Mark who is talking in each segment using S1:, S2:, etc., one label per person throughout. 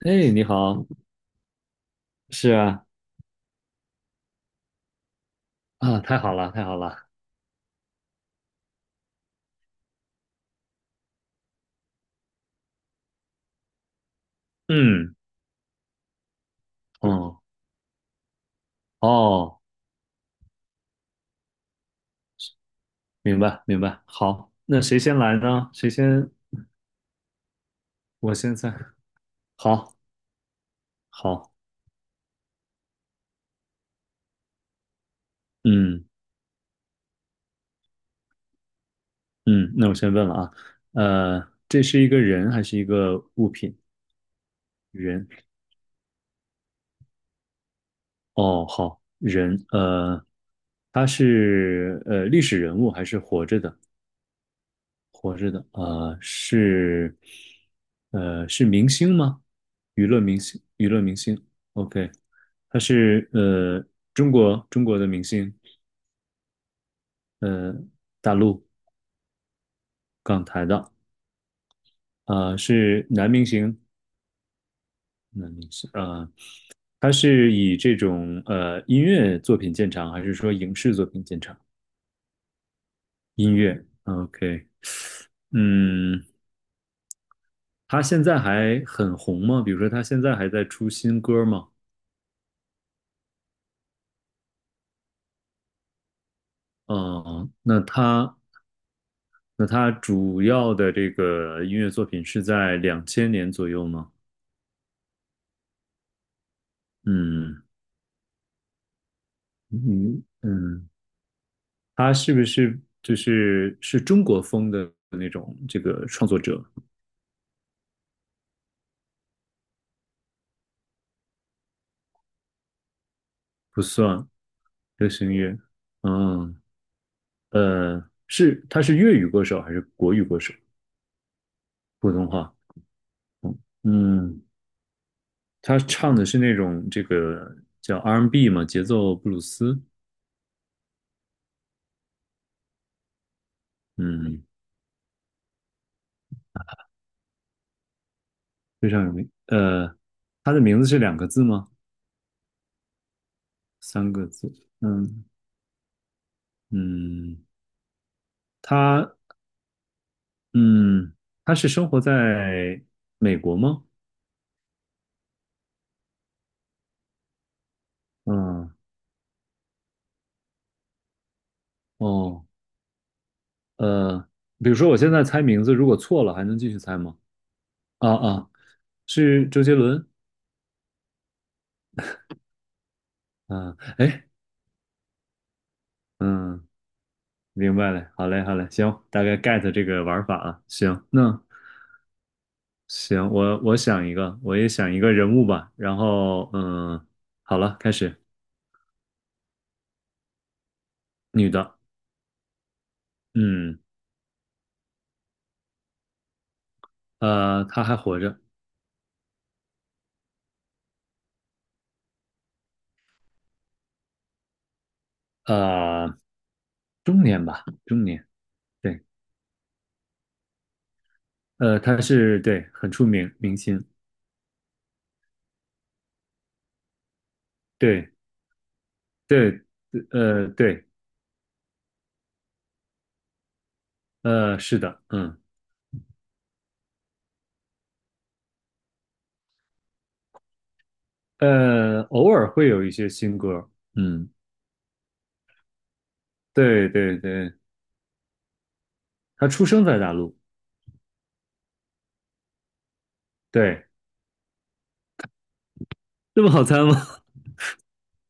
S1: 哎，你好，是啊，啊，太好了，太好了，嗯，哦，哦，明白，明白，好，那谁先来呢？谁先？我先在，好，好，嗯嗯，那我先问了啊，这是一个人还是一个物品？人，哦，好，人，他是历史人物还是活着的？活着的，是，是明星吗？娱乐明星，娱乐明星。OK，他是中国的明星，呃，大陆港台的，是男明星，男明星，他是以这种音乐作品见长，还是说影视作品见长？音乐，OK，嗯，他现在还很红吗？比如说他现在还在出新歌吗？嗯，那他那他主要的这个音乐作品是在两千年左右吗？嗯嗯嗯，他是不是就是中国风的那种这个创作者？不算流行乐，嗯是他是粤语歌手还是国语歌手？普通话，嗯嗯，他唱的是那种这个叫 R&B 嘛，节奏布鲁斯，嗯，非常有名。他的名字是两个字吗？三个字？嗯，嗯，他嗯，他是生活在美国吗？嗯，哦，呃，比如说我现在猜名字，如果错了还能继续猜吗？啊啊，是周杰伦。啊，哎，嗯，明白了，好嘞，好嘞，行，大概 get 这个玩法了。行，那行，我想一个，我也想一个人物吧。然后好了，开始，女的，嗯，她还活着，呃，中年吧，中年。对。他是对很出名明星，对对，对是的，偶尔会有一些新歌，嗯对对对，他出生在大陆，对，这么好猜吗？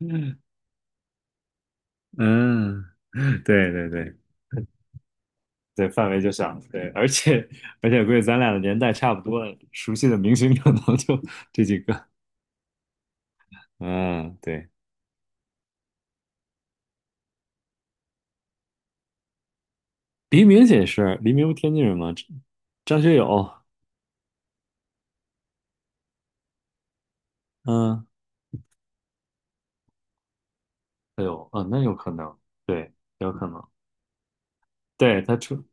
S1: 嗯，对对对对，范围就小，对，而且估计咱俩的年代差不多，熟悉的明星可能就这几个，嗯对，黎明也是，黎明不天津人吗？张学友，嗯。哎呦，啊，那有可能，对，有可能，对，他出，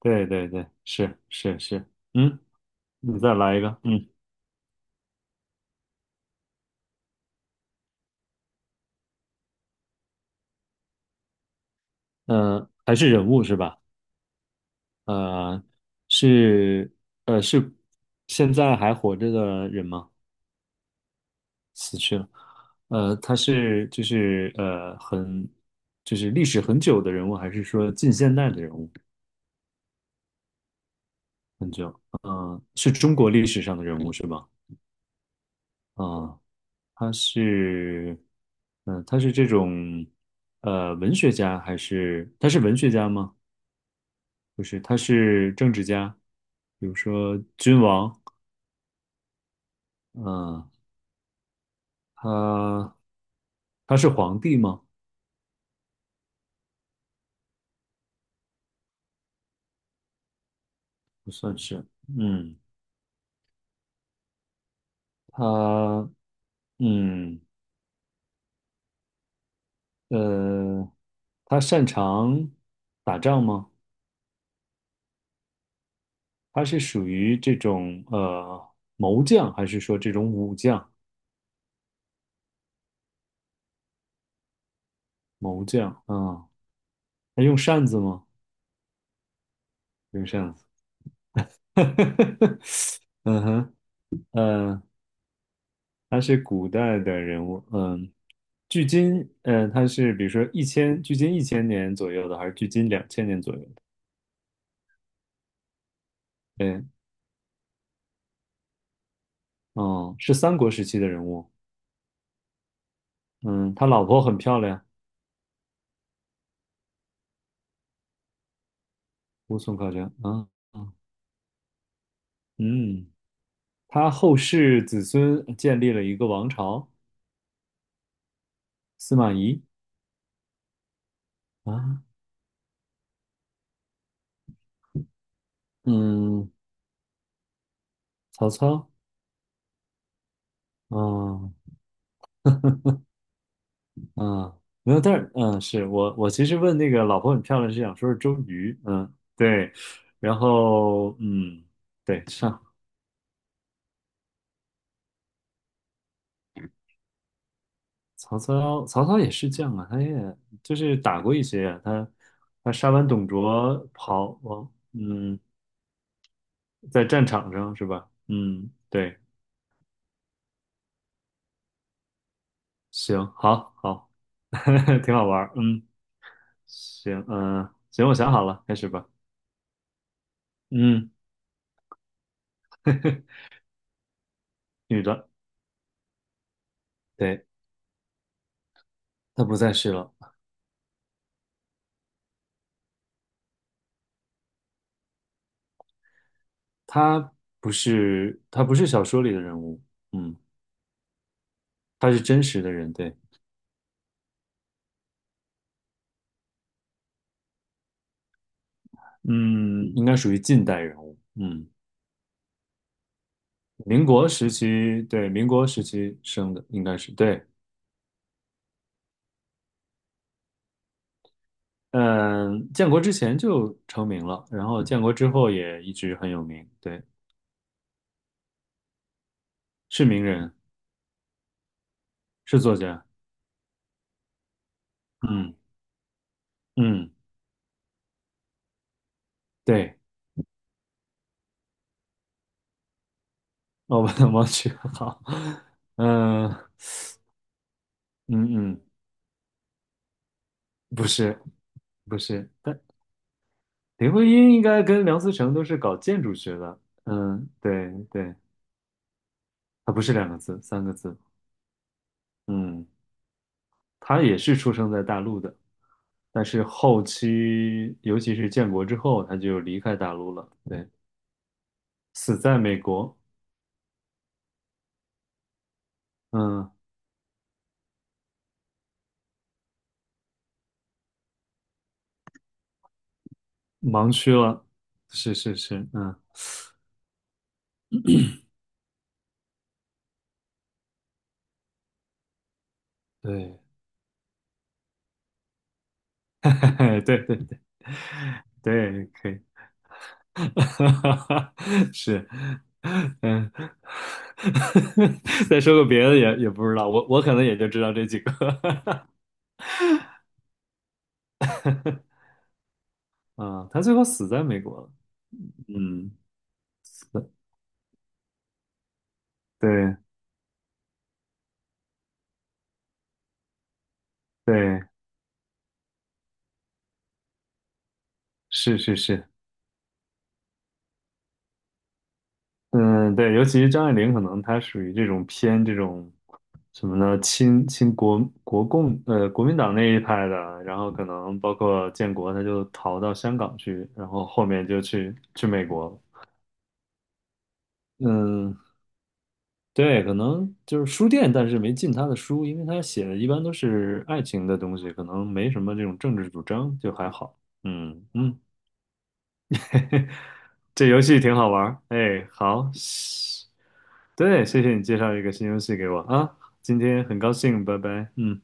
S1: 对对对，是是是，嗯，你再来一个，嗯，还是人物是吧？呃，是，是现在还活着的人吗？死去了，他是就是呃很就是历史很久的人物，还是说近现代的人物很久？是中国历史上的人物是吧？啊。他是，他是这种，文学家还是他是文学家吗？不是，他是政治家，比如说君王，嗯、他他是皇帝吗？不算是，嗯，他，嗯，呃，他擅长打仗吗？他是属于这种谋将，还是说这种武将？谋将，啊，他用扇子吗？用扇子。嗯哼，嗯，他是古代的人物，距今，他是比如说一千，距今1000年左右的，还是距今两千年左右的？对，哦，是三国时期的人物，嗯，他老婆很漂亮，乌孙夸张，啊，啊嗯，他后世子孙建立了一个王朝，司马懿啊，嗯，曹操，啊，嗯，没有，但是是我其实问那个老婆很漂亮是想说是周瑜，嗯，对，然后对，上曹操，曹操也是将啊，他也就是打过一些啊，他杀完董卓跑，在战场上是吧？嗯，对，行，好，好，挺好玩儿，嗯，行，嗯，行，我想好了，开始吧，嗯，女的，对，她不在世了。他他不是小说里的人物，嗯，他是真实的人，对，嗯，应该属于近代人物，民国时期，对，民国时期生的，应该是对，嗯，建国之前就成名了，然后建国之后也一直很有名，对，是名人，是作家，嗯嗯，对，哦，我忘好，嗯嗯嗯，不是不是，但。林徽因应该跟梁思成都是搞建筑学的，对对，他不是两个字，三个字，嗯，他也是出生在大陆的，但是后期，尤其是建国之后，他就离开大陆了，对，死在美国，嗯，盲区了，是是是，嗯，对，对对对对，可以，是，嗯，再说个别的也不知道，我可能也就知道这几个。啊，他最后死在美国了。嗯，对对，是是是，嗯，对，尤其是张爱玲，可能她属于这种偏这种什么呢？亲国国共国民党那一派的，然后可能包括建国，她就逃到香港去，然后后面就去美国了嗯，对，可能就是书店，但是没进她的书，因为她写的一般都是爱情的东西，可能没什么这种政治主张，就还好。嗯嗯。这游戏挺好玩儿。哎，好，对，谢谢你介绍一个新游戏给我啊，今天很高兴，拜拜。嗯。